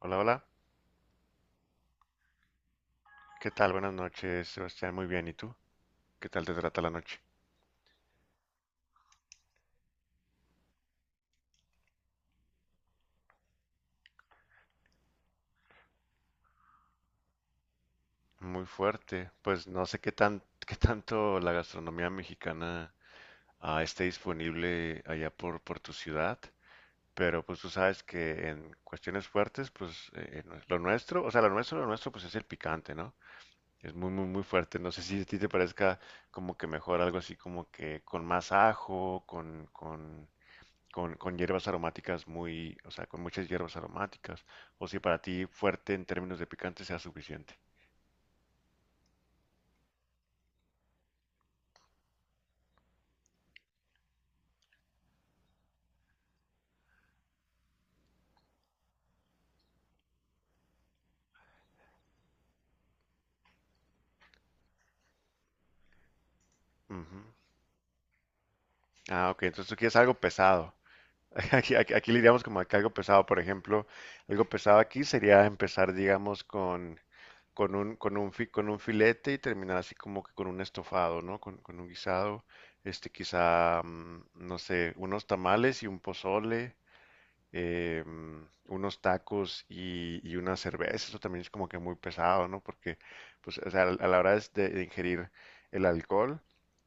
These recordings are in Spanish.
Hola, hola. ¿Qué tal? Buenas noches, Sebastián. Muy bien. ¿Y tú? ¿Qué tal te trata la noche? Muy fuerte. Pues no sé qué tan, qué tanto la gastronomía mexicana esté disponible allá por tu ciudad, pero pues tú sabes que en cuestiones fuertes, pues no es- lo nuestro, o sea, lo nuestro, pues es el picante, ¿no? Es muy, muy, muy fuerte. No sé si a ti te parezca como que mejor algo así como que con más ajo, con con hierbas aromáticas muy, o sea, con muchas hierbas aromáticas, o si para ti fuerte en términos de picante sea suficiente. Ujú. Ah, ok, entonces tú quieres algo pesado. Aquí le diríamos como que algo pesado, por ejemplo, algo pesado aquí sería empezar, digamos, con, con un filete y terminar así como que con un estofado, ¿no? Con un guisado, quizá, no sé, unos tamales y un pozole, eh, unos tacos y una cerveza. Eso también es como que muy pesado, ¿no? Porque, pues, o sea, a la hora es de ingerir el alcohol,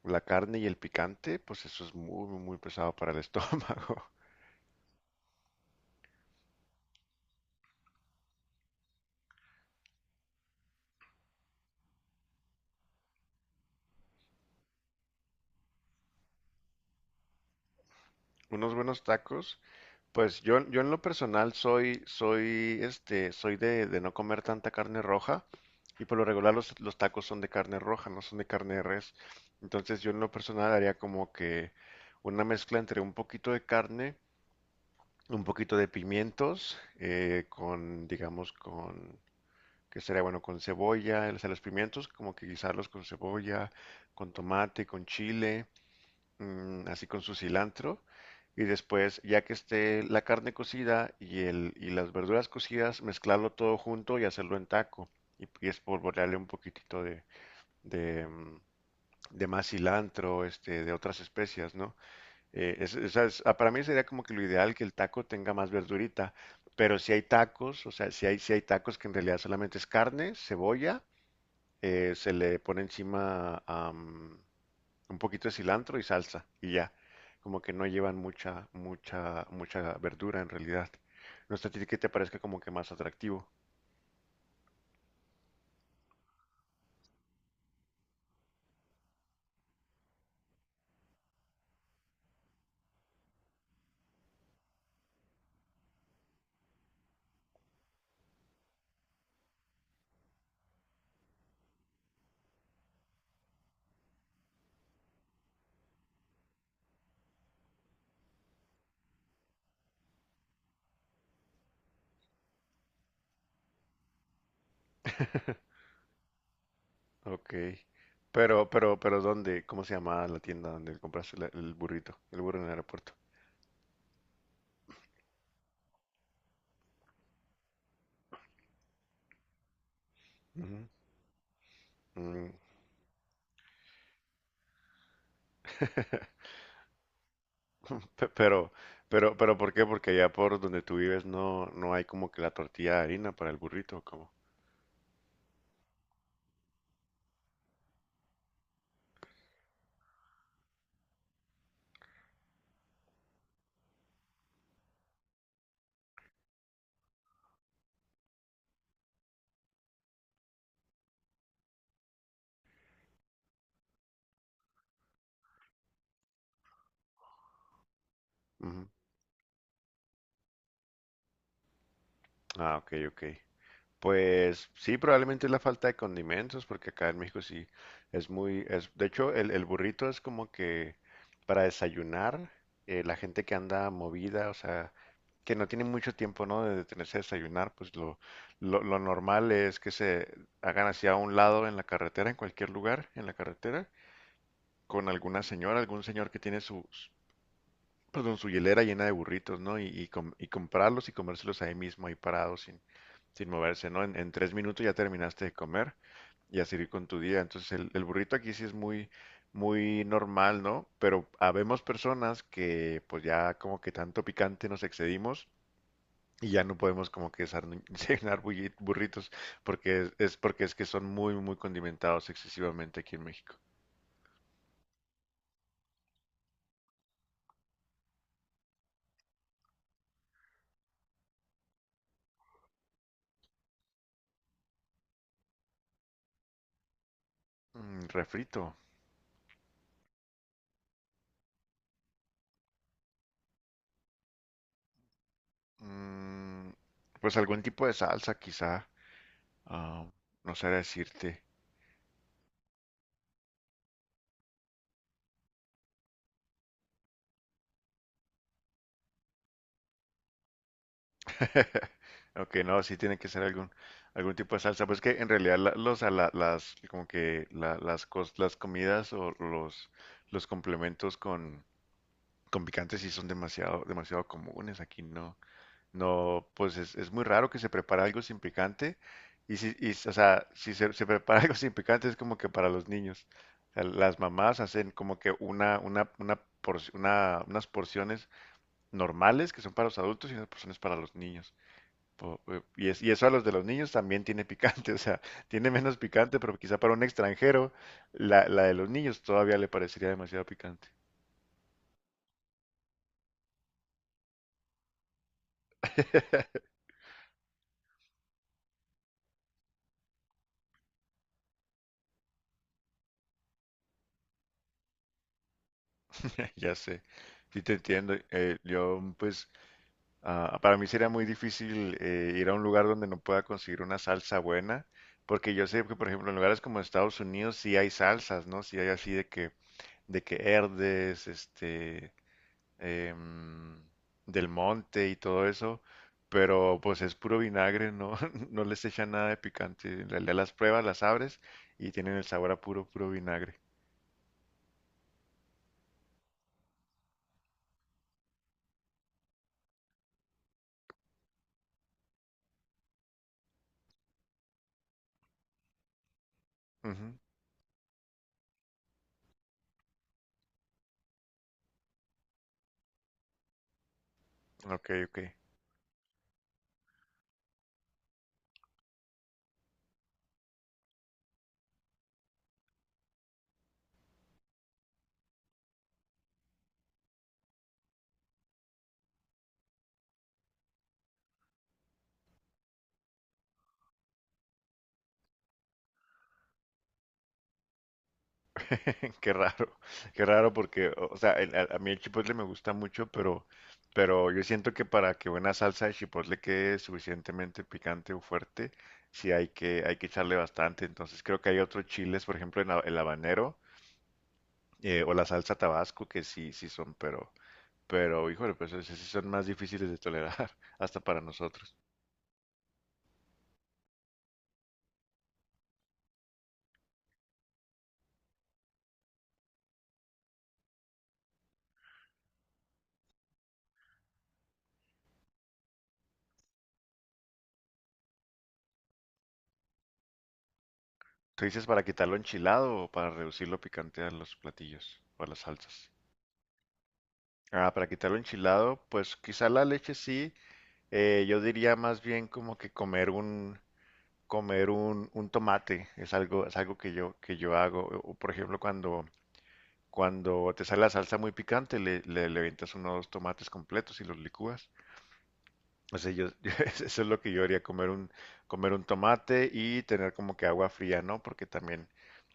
la carne y el picante, pues eso es muy, muy, muy pesado para el estómago. Unos buenos tacos, pues yo en lo personal soy de no comer tanta carne roja y por lo regular los tacos son de carne roja, no son de carne de res. Entonces yo en lo personal haría como que una mezcla entre un poquito de carne, un poquito de pimientos con, digamos, con, que sería bueno, con cebolla, o sea, los pimientos como que guisarlos con cebolla, con tomate, con chile, así con su cilantro. Y después, ya que esté la carne cocida y, el, y las verduras cocidas, mezclarlo todo junto y hacerlo en taco. Y espolvorearle un poquitito de, mm, de más cilantro, de otras especias, ¿no? Para mí sería como que lo ideal que el taco tenga más verdurita, pero si hay tacos, o sea, si hay tacos que en realidad solamente es carne, cebolla, se le pone encima un poquito de cilantro y salsa y ya, como que no llevan mucha verdura en realidad. No sé a ti que te parezca como que más atractivo. Ok, pero, pero ¿dónde? ¿Cómo se llama la tienda donde compraste el burrito, el burro en el aeropuerto? Ujú. Mm. Pero, pero, ¿por qué? Porque allá por donde tú vives no hay como que la tortilla de harina para el burrito, ¿o cómo? Ujú. Ah, ok, ok. Pues sí, probablemente es la falta de condimentos, porque acá en México sí es muy, es, de hecho, el burrito es como que para desayunar, la gente que anda movida, o sea, que no tiene mucho tiempo, ¿no? De detenerse a desayunar, pues lo normal es que se hagan hacia un lado en la carretera, en cualquier lugar, en la carretera con alguna señora, algún señor que tiene perdón, su hielera llena de burritos, ¿no? Y, y comprarlos y comérselos ahí mismo, ahí parados, sin moverse, ¿no? En tres minutos ya terminaste de comer y a seguir con tu día. Entonces el burrito aquí sí es muy, muy normal, ¿no? Pero habemos personas que pues ya como que tanto picante nos excedimos. Y ya no podemos como que cenar burritos porque es porque es que son muy muy condimentados excesivamente aquí en México. Mm, refrito. Mm, pues algún tipo de salsa, quizá. Ah, no sé decirte. Aunque no, sí tiene que ser algún tipo de salsa. Pues que en realidad como que las comidas o los complementos con picante sí son demasiado, demasiado comunes. Aquí no. No, pues es muy raro que se prepare algo sin picante. Y si, y, o sea, si se, se prepara algo sin picante es como que para los niños. O sea, las mamás hacen como que unas porciones normales que son para los adultos y unas porciones para los niños. Y eso a los de los niños también tiene picante, o sea, tiene menos picante, pero quizá para un extranjero la de los niños todavía le parecería demasiado picante. Ya sé, sí te entiendo. Yo pues para mí sería muy difícil ir a un lugar donde no pueda conseguir una salsa buena, porque yo sé que, por ejemplo, en lugares como Estados Unidos sí hay salsas, ¿no? Sí hay así de que Herdes, em, Del Monte y todo eso, pero pues es puro vinagre, ¿no? No les echan nada de picante. En realidad las pruebas, las abres y tienen el sabor a puro, puro vinagre. Ujú. Ok, ok. Qué raro, qué raro porque, o sea, a mí el chipotle me gusta mucho, pero yo siento que para que una salsa de chipotle quede suficientemente picante o fuerte, sí hay que echarle bastante. Entonces creo que hay otros chiles, por ejemplo, el habanero o la salsa tabasco, que sí, sí son, pero, híjole, pues esos sí son más difíciles de tolerar, hasta para nosotros. ¿Tú dices para quitarlo enchilado o para reducirlo picante a los platillos o a las salsas? Ah, para quitarlo enchilado, pues quizá la leche sí. Yo diría más bien como que comer un tomate es algo que yo hago o, por ejemplo cuando te sale la salsa muy picante le avientas unos tomates completos y los licúas. O sea, yo, eso es lo que yo haría, comer un, comer un tomate y tener como que agua fría, ¿no? Porque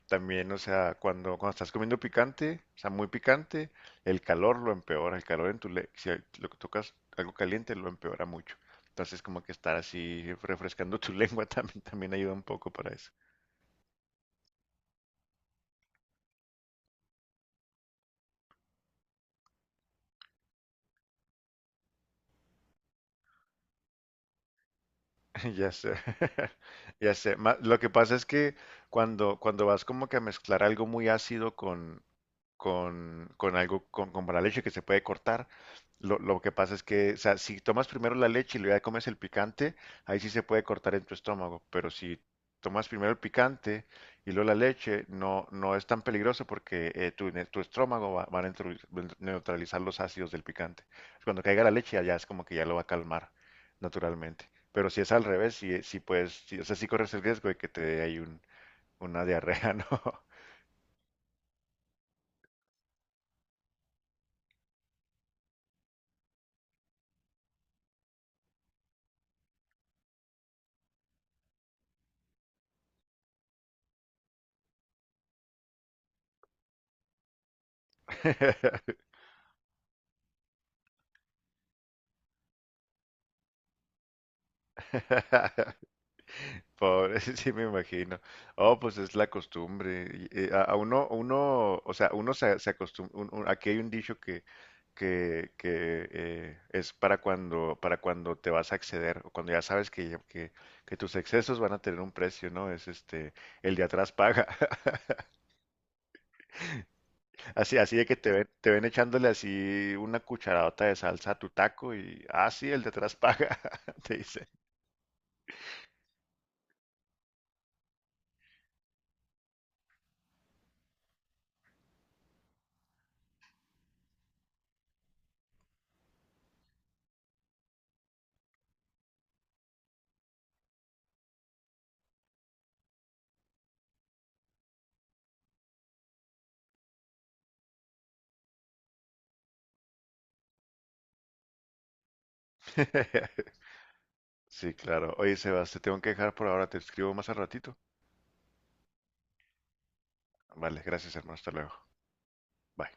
también, o sea, cuando estás comiendo picante, o sea, muy picante, el calor lo empeora, el calor en tu le si lo que tocas algo caliente lo empeora mucho. Entonces, como que estar así refrescando tu lengua también ayuda un poco para eso. Ya sé, ya sé. Lo que pasa es que cuando vas como que a mezclar algo muy ácido con algo, con la leche que se puede cortar. Lo que pasa es que, o sea, si tomas primero la leche y luego ya comes el picante, ahí sí se puede cortar en tu estómago. Pero si tomas primero el picante y luego la leche, no, no es tan peligroso porque tu estómago va a neutralizar los ácidos del picante. Cuando caiga la leche, allá es como que ya lo va a calmar naturalmente. Pero si es al revés, si, si puedes, sí, o sea, si corres el riesgo de que te dé ahí un, una diarrea, ¿no? Pobre, sí me imagino. Oh, pues es la costumbre. Y, a uno, o sea, se acostumbra. Aquí hay un dicho que es para cuando te vas a exceder, o cuando ya sabes que tus excesos van a tener un precio, ¿no? Es el de atrás paga. Así, así de que te ven echándole así una cucharadota de salsa a tu taco y, ah, sí, el de atrás paga, te dice. Sí, claro. Oye, Sebas, te tengo que dejar por ahora, te escribo más al ratito. Vale, gracias hermano, hasta luego. Bye.